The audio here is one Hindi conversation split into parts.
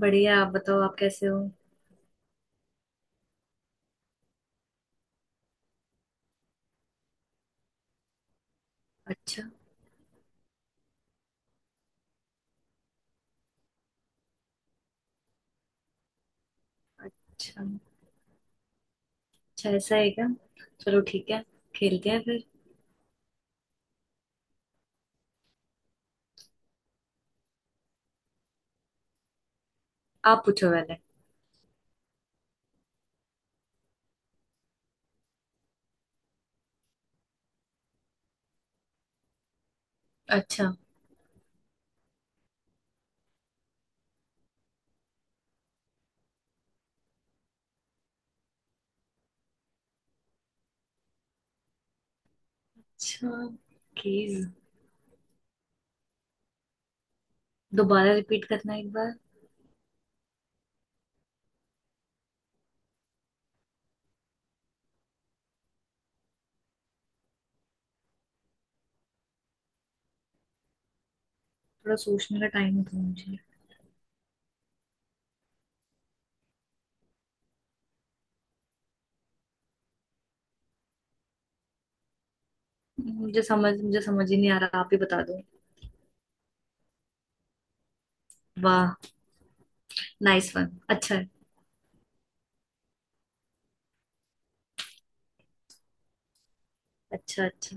बढ़िया। आप बताओ, आप कैसे हो? अच्छा। अच्छा। अच्छा, ऐसा है क्या? चलो ठीक है, खेलते हैं फिर। आप पूछो पहले। अच्छा। अच्छा, प्लीज दोबारा रिपीट करना एक बार। थोड़ा सोचने का टाइम दो मुझे। मुझे समझ ही नहीं आ रहा, आप ही बता दो। वाह! नाइस वन, अच्छा है। अच्छा। अच्छा।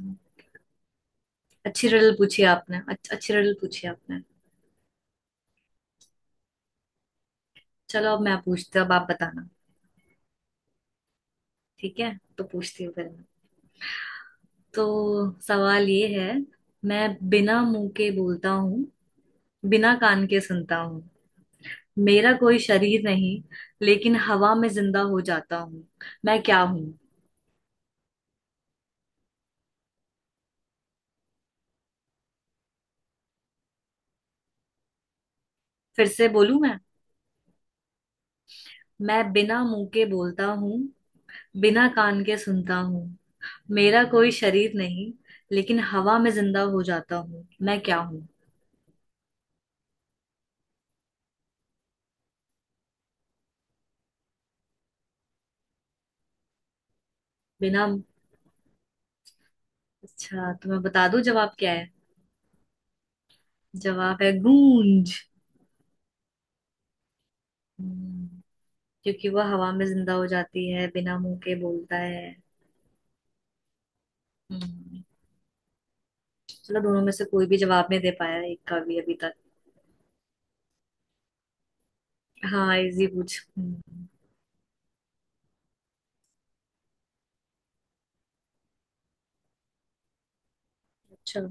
अच्छी रिडल पूछी आपने। अच्छी रिडल पूछी आपने। चलो अब मैं पूछती हूँ, अब आप बताना। ठीक है तो पूछती हूँ फिर। तो सवाल ये है। मैं बिना मुंह के बोलता हूँ, बिना कान के सुनता हूँ। मेरा कोई शरीर नहीं, लेकिन हवा में जिंदा हो जाता हूँ। मैं क्या हूँ? फिर से बोलूं मैं। मैं बिना मुंह के बोलता हूँ, बिना कान के सुनता हूँ। मेरा कोई शरीर नहीं, लेकिन हवा में जिंदा हो जाता हूँ। मैं क्या हूँ? बिना। अच्छा तो मैं बता दूं जवाब क्या है। जवाब है गूंज। हम्म, क्योंकि वह हवा में जिंदा हो जाती है, बिना मुंह के बोलता है। हम्म। चलो, दोनों में से कोई भी जवाब नहीं दे पाया एक का भी अभी तक। हाँ, इजी पूछ। अच्छा।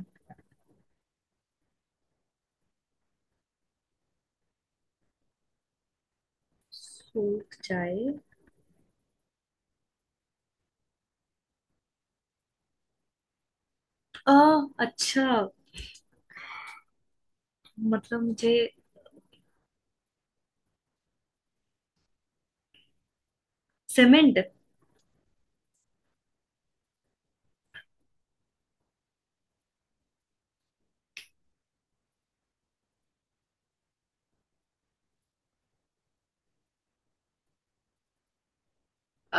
सूख जाए? आ अच्छा, मतलब मुझे, सीमेंट।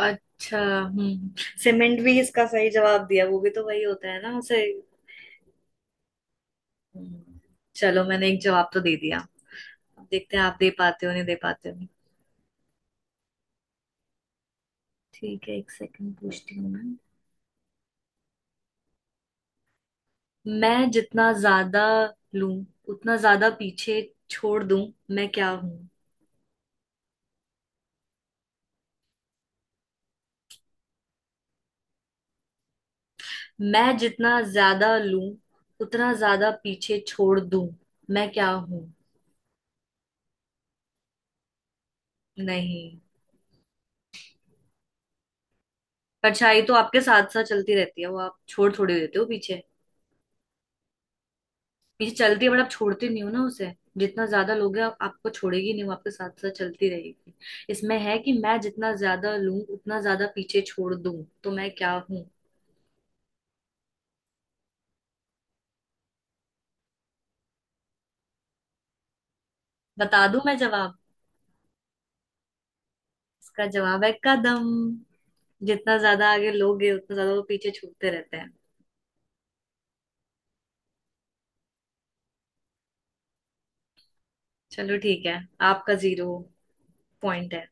अच्छा। हम्म, सीमेंट भी इसका सही जवाब दिया, वो भी तो वही होता है ना उसे। हम्म, चलो मैंने एक जवाब तो दे दिया। अब देखते हैं आप दे पाते हो नहीं दे पाते हो। ठीक है, एक सेकंड पूछती हूँ मैं। मैं जितना ज्यादा लूं, उतना ज्यादा पीछे छोड़ दूं। मैं क्या हूं? मैं जितना ज्यादा लूं, उतना ज्यादा पीछे छोड़ दूं। मैं क्या हूं? नहीं। परछाई तो आपके साथ साथ चलती रहती है, वो आप छोड़ थोड़ी देते हो पीछे। पीछे चलती है, बट आप छोड़ते नहीं हो ना उसे। जितना ज्यादा लोगे आप, आपको छोड़ेगी नहीं, वो आपके साथ साथ चलती रहेगी। इसमें है कि मैं जितना ज्यादा लूं उतना ज्यादा पीछे छोड़ दूं, तो मैं क्या हूं? बता दूं मैं जवाब? इसका जवाब है कदम। जितना ज्यादा आगे लोगे, उतना ज्यादा वो पीछे छूटते रहते हैं। चलो ठीक है। आपका जीरो पॉइंट है,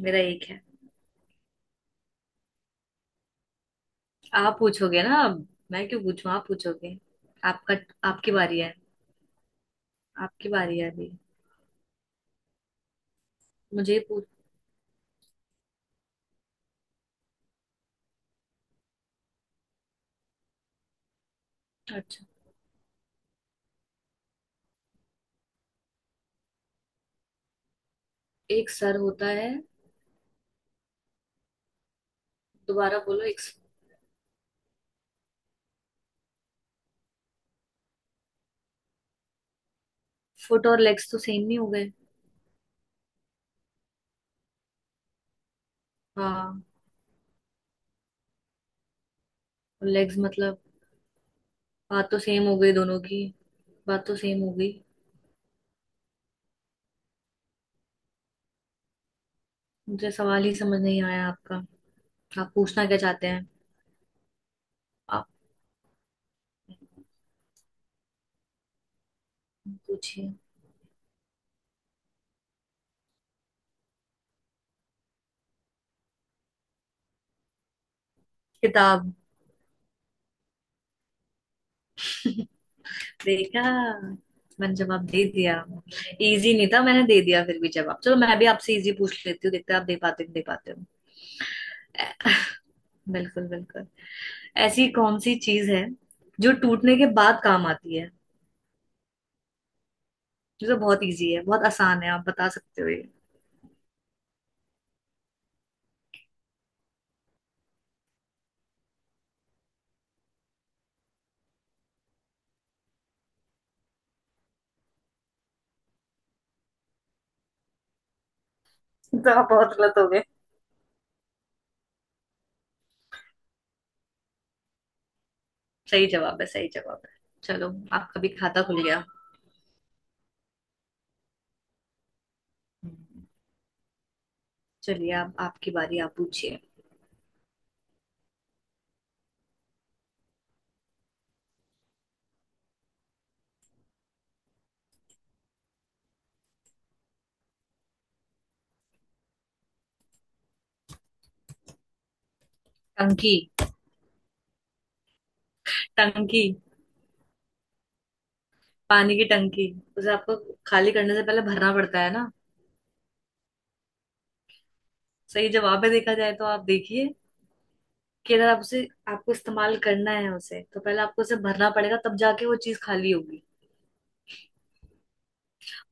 मेरा एक है। आप पूछोगे ना अब। मैं क्यों पूछूं? आप पूछोगे। आपका, आपकी बारी है। आपकी बारी है अभी। मुझे पूछ। अच्छा। एक सर होता है? दोबारा बोलो एक। फुट और लेग्स तो सेम नहीं हो गए? हाँ। लेग्स मतलब? बात तो सेम हो गई दोनों की। बात तो सेम हो गई। मुझे सवाल ही समझ नहीं आया आपका। आप पूछना क्या चाहते हैं? आप पूछिए। किताब। देखा, मैंने जवाब दे दिया। इजी नहीं था, मैंने दे दिया फिर भी जवाब। चलो मैं भी आपसे इजी पूछ लेती हूँ, देखते हैं आप दे पाते हो, दे पाते हो। बिल्कुल, बिल्कुल। ऐसी कौन सी चीज है जो टूटने के बाद काम आती है? ये तो बहुत इजी है, बहुत आसान है, आप बता सकते हो ये। तो आप बहुत गलत हो गए। सही जवाब है, सही जवाब है। चलो, आपका भी खाता खुल गया। हम्म, चलिए अब आपकी बारी, आप पूछिए। टंकी। टंकी। पानी की टंकी। उसे आपको खाली करने से पहले भरना पड़ता है ना। सही जवाब है, देखा जाए तो। आप देखिए कि अगर आप उसे, आपको इस्तेमाल करना है उसे, तो पहले आपको उसे भरना पड़ेगा, तब जाके वो चीज खाली होगी।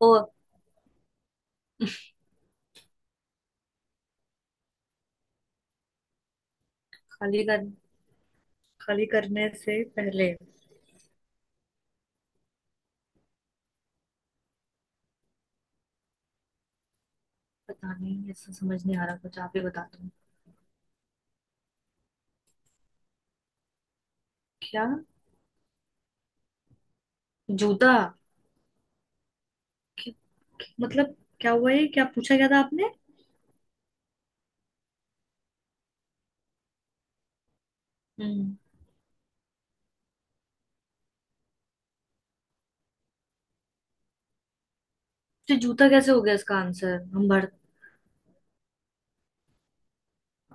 ओ, खाली कर, खाली करने से पहले। पता नहीं, ऐसा समझ नहीं आ रहा कुछ, आप ही बता दो। क्या? जूता? कि- मतलब क्या हुआ ये, क्या पूछा क्या था आपने? हम्म। तो जूता कैसे हो गया इसका आंसर? हम भर,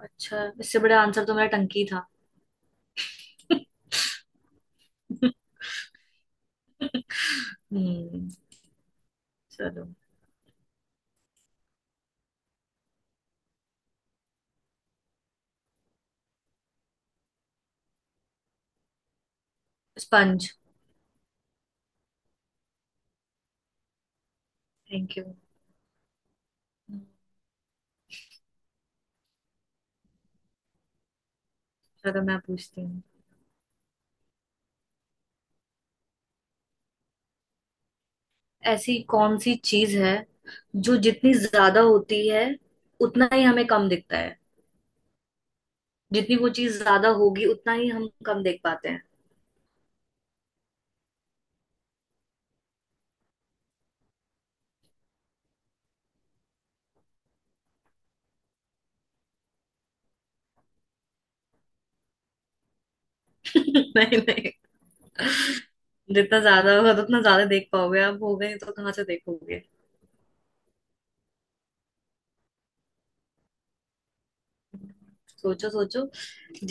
अच्छा। इससे बड़ा आंसर तो मेरा टंकी था। हम्म, चलो। स्पंज। Thank you. चलो मैं पूछती हूँ। ऐसी कौन सी चीज है जो जितनी ज्यादा होती है, उतना ही हमें कम दिखता है? जितनी वो चीज ज्यादा होगी, उतना ही हम कम देख पाते हैं। नहीं, नहीं, जितना ज्यादा होगा तो उतना ज्यादा देख पाओगे आप, हो गए तो कहाँ से देखोगे। सोचो, सोचो।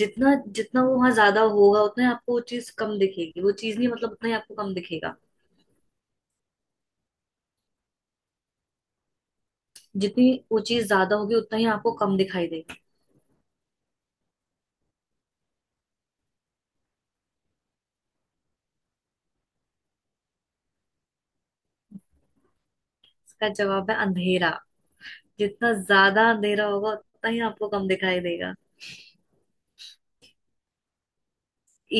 जितना, जितना वो वहां ज्यादा होगा, उतना ही आपको वो चीज कम दिखेगी। वो चीज नहीं, मतलब उतना ही आपको कम दिखेगा। जितनी वो चीज ज्यादा होगी, उतना ही आपको कम दिखाई देगा। इसका जवाब है अंधेरा। जितना ज्यादा अंधेरा होगा, उतना ही आपको कम दिखाई देगा।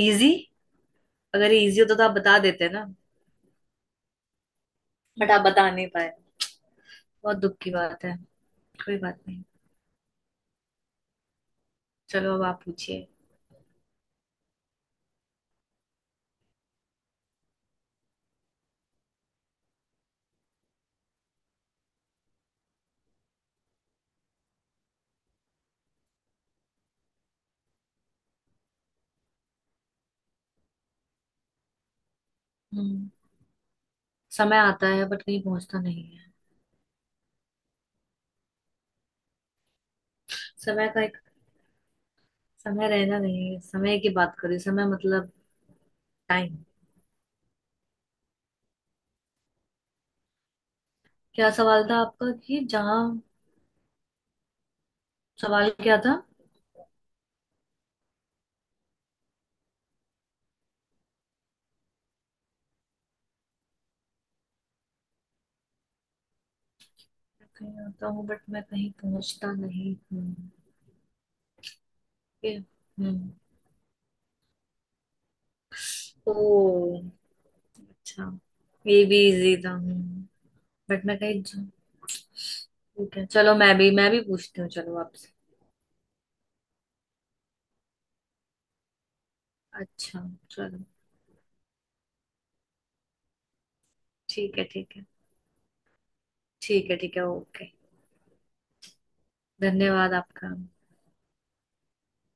इजी? अगर इजी होता तो आप बता देते ना। बट आप बता नहीं पाए। बहुत दुख की बात है। कोई बात नहीं। चलो, अब आप पूछिए। हम्म, समय आता है बट कहीं पहुंचता नहीं है। समय का एक, समय रहना नहीं है, समय की बात करी। समय मतलब टाइम। क्या सवाल था आपका कि जहाँ, सवाल क्या था? मैं कहीं आता हूँ बट मैं कहीं पहुंचता नहीं हूँ। ये-, हम्म। ओ, अच्छा। ये भी इजी था। हम्म, बट मैं कहीं जा-। ठीक है, चलो मैं भी, मैं भी पूछती हूँ चलो आपसे। अच्छा। चलो ठीक है, ठीक है। ठीक है, ठीक है, ओके। धन्यवाद आपका।